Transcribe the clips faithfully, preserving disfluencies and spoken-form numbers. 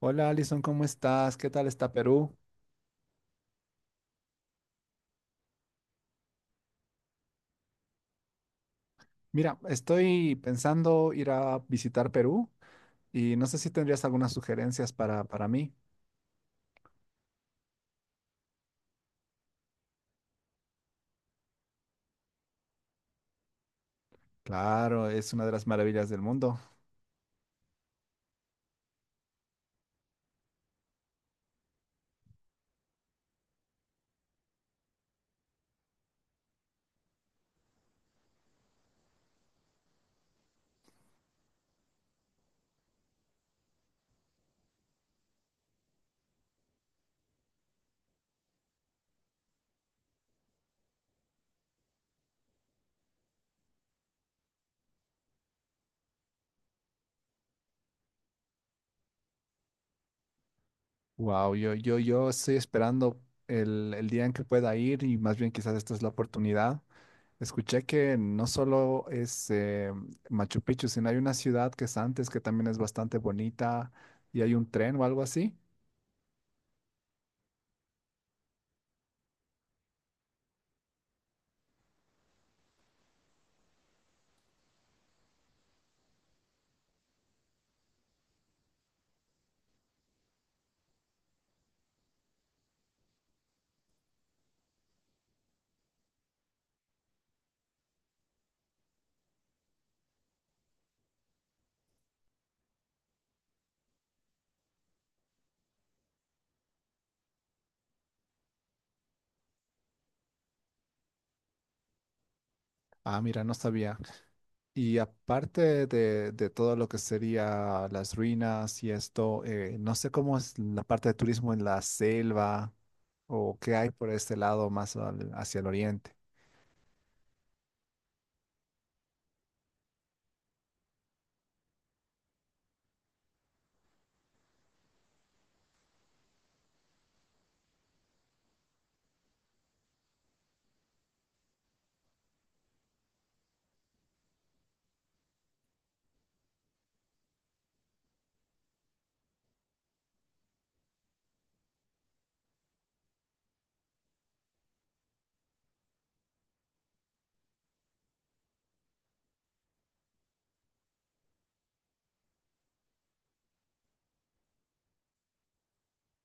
Hola Alison, ¿cómo estás? ¿Qué tal está Perú? Mira, estoy pensando ir a visitar Perú y no sé si tendrías algunas sugerencias para, para mí. Claro, es una de las maravillas del mundo. Wow, yo, yo, yo estoy esperando el, el día en que pueda ir y más bien quizás esta es la oportunidad. Escuché que no solo es eh, Machu Picchu, sino hay una ciudad que es antes que también es bastante bonita y hay un tren o algo así. Ah, mira, no sabía. Y aparte de, de todo lo que sería las ruinas y esto, eh, no sé cómo es la parte de turismo en la selva o qué hay por este lado más al- hacia el oriente.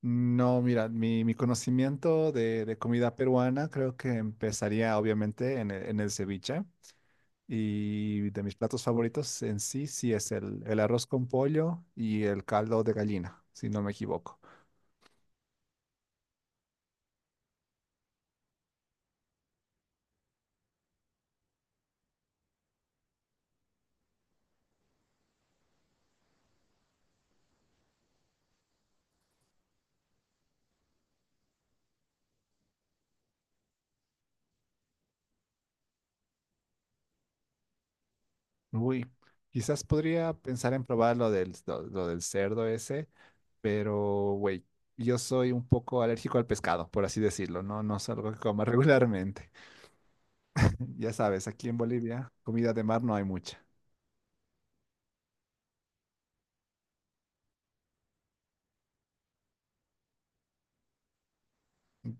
No, mira, mi, mi conocimiento de, de comida peruana creo que empezaría obviamente en el, en el ceviche y de mis platos favoritos en sí, sí es el, el arroz con pollo y el caldo de gallina, si no me equivoco. Uy, quizás podría pensar en probar lo del, lo, lo del cerdo ese, pero güey, yo soy un poco alérgico al pescado, por así decirlo, ¿no? No es algo que coma regularmente. Ya sabes, aquí en Bolivia, comida de mar no hay mucha.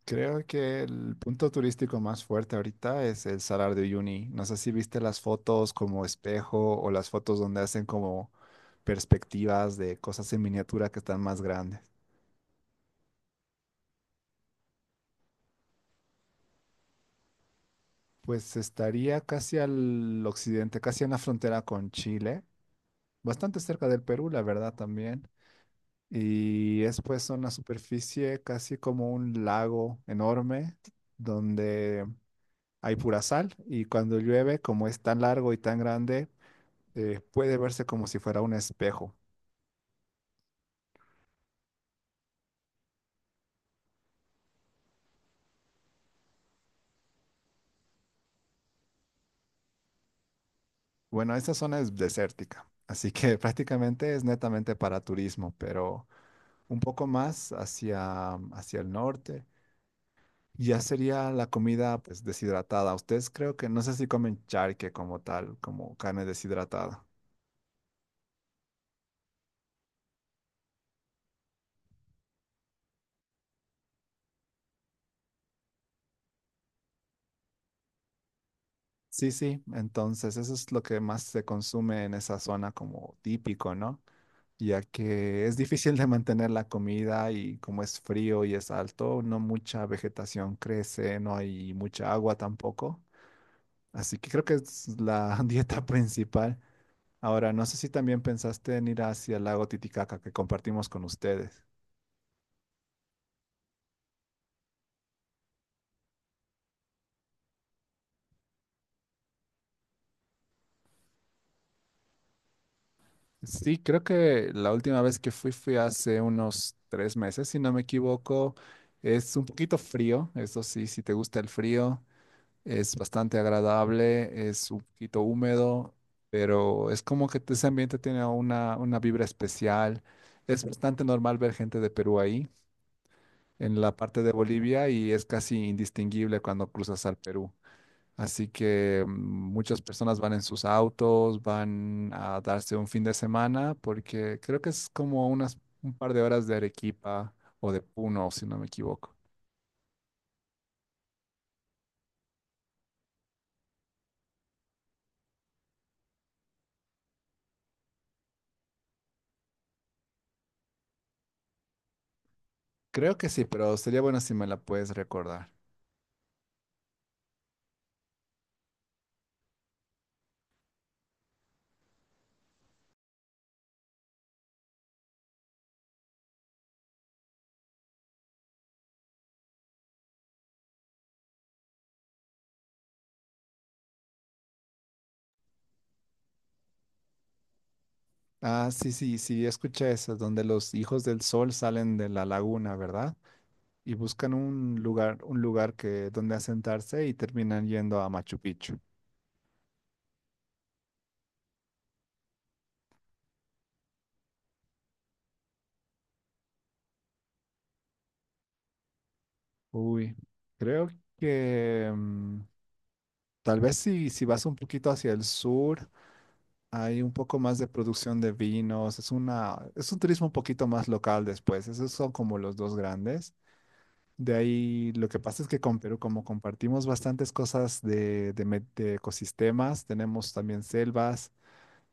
Creo que el punto turístico más fuerte ahorita es el Salar de Uyuni. No sé si viste las fotos como espejo o las fotos donde hacen como perspectivas de cosas en miniatura que están más grandes. Pues estaría casi al occidente, casi en la frontera con Chile, bastante cerca del Perú, la verdad también. Y es pues una superficie casi como un lago enorme donde hay pura sal y cuando llueve, como es tan largo y tan grande, eh, puede verse como si fuera un espejo. Bueno, esta zona es desértica, así que prácticamente es netamente para turismo, pero un poco más hacia, hacia el norte. Ya sería la comida pues deshidratada. Ustedes creo que no sé si comen charque como tal, como carne deshidratada. Sí, sí, entonces eso es lo que más se consume en esa zona como típico, ¿no? Ya que es difícil de mantener la comida y como es frío y es alto, no mucha vegetación crece, no hay mucha agua tampoco. Así que creo que es la dieta principal. Ahora, no sé si también pensaste en ir hacia el lago Titicaca que compartimos con ustedes. Sí, creo que la última vez que fui fui hace unos tres meses, si no me equivoco. Es un poquito frío, eso sí, si te gusta el frío, es bastante agradable, es un poquito húmedo, pero es como que ese ambiente tiene una, una vibra especial. Es bastante normal ver gente de Perú ahí, en la parte de Bolivia, y es casi indistinguible cuando cruzas al Perú. Así que mm, muchas personas van en sus autos, van a darse un fin de semana, porque creo que es como unas un par de horas de Arequipa o de Puno, si no me equivoco. Creo que sí, pero sería bueno si me la puedes recordar. Ah, sí, sí, sí, escuché eso, donde los hijos del sol salen de la laguna, ¿verdad? Y buscan un lugar, un lugar que donde asentarse y terminan yendo a Machu Picchu. Uy, creo que mm, Tal vez si, si vas un poquito hacia el sur, hay un poco más de producción de vinos, es una, es un turismo un poquito más local después, esos son como los dos grandes. De ahí lo que pasa es que con Perú, como compartimos bastantes cosas de, de me- de ecosistemas, tenemos también selvas,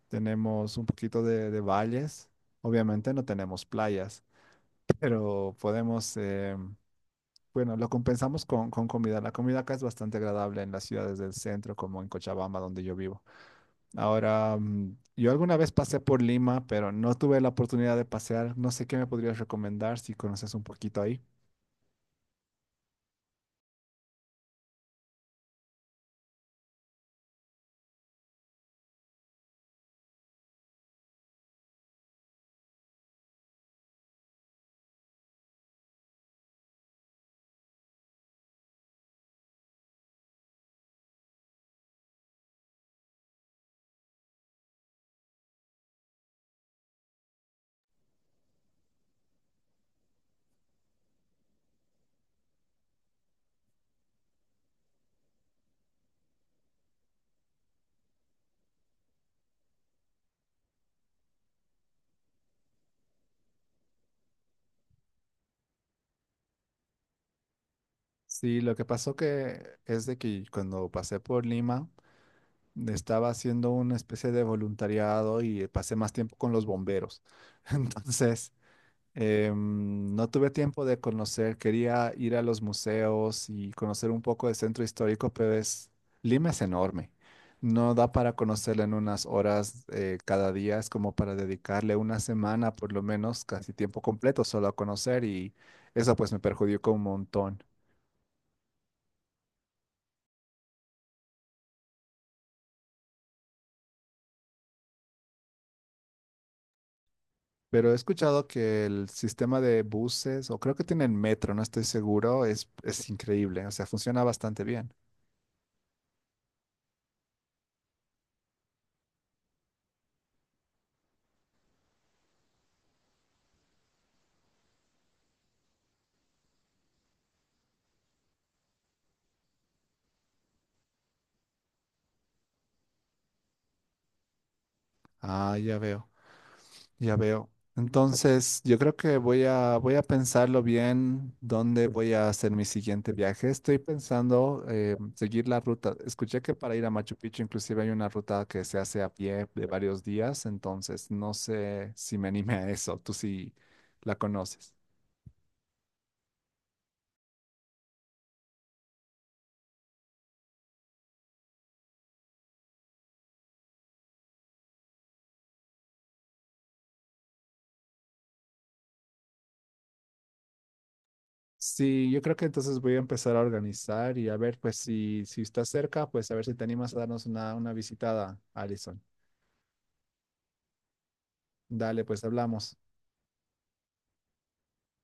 tenemos un poquito de, de valles, obviamente no tenemos playas, pero podemos, eh, bueno, lo compensamos con, con comida. La comida acá es bastante agradable en las ciudades del centro, como en Cochabamba, donde yo vivo. Ahora, mm, yo alguna vez pasé por Lima, pero no tuve la oportunidad de pasear. No sé qué me podrías recomendar si conoces un poquito ahí. Sí, lo que pasó que es de que cuando pasé por Lima, estaba haciendo una especie de voluntariado y pasé más tiempo con los bomberos. Entonces, Em, no tuve tiempo de conocer, quería ir a los museos y conocer un poco del centro histórico, pero es, Lima es enorme. No da para conocerla en unas horas eh, cada día, es como para dedicarle una semana por lo menos, casi tiempo completo solo a conocer y eso pues me perjudicó un montón. Pero he escuchado que el sistema de buses, o creo que tienen metro, no estoy seguro, es, es increíble, o sea, funciona bastante bien. Ah, ya veo. Ya veo. Entonces, yo creo que voy a, voy a pensarlo bien dónde voy a hacer mi siguiente viaje. Estoy pensando eh, seguir la ruta. Escuché que para ir a Machu Picchu inclusive hay una ruta que se hace a pie de varios días, entonces no sé si me anime a eso. Tú sí la conoces. Sí, yo creo que entonces voy a empezar a organizar y a ver, pues si, si estás cerca, pues a ver si te animas a darnos una, una visitada, Alison. Dale, pues hablamos.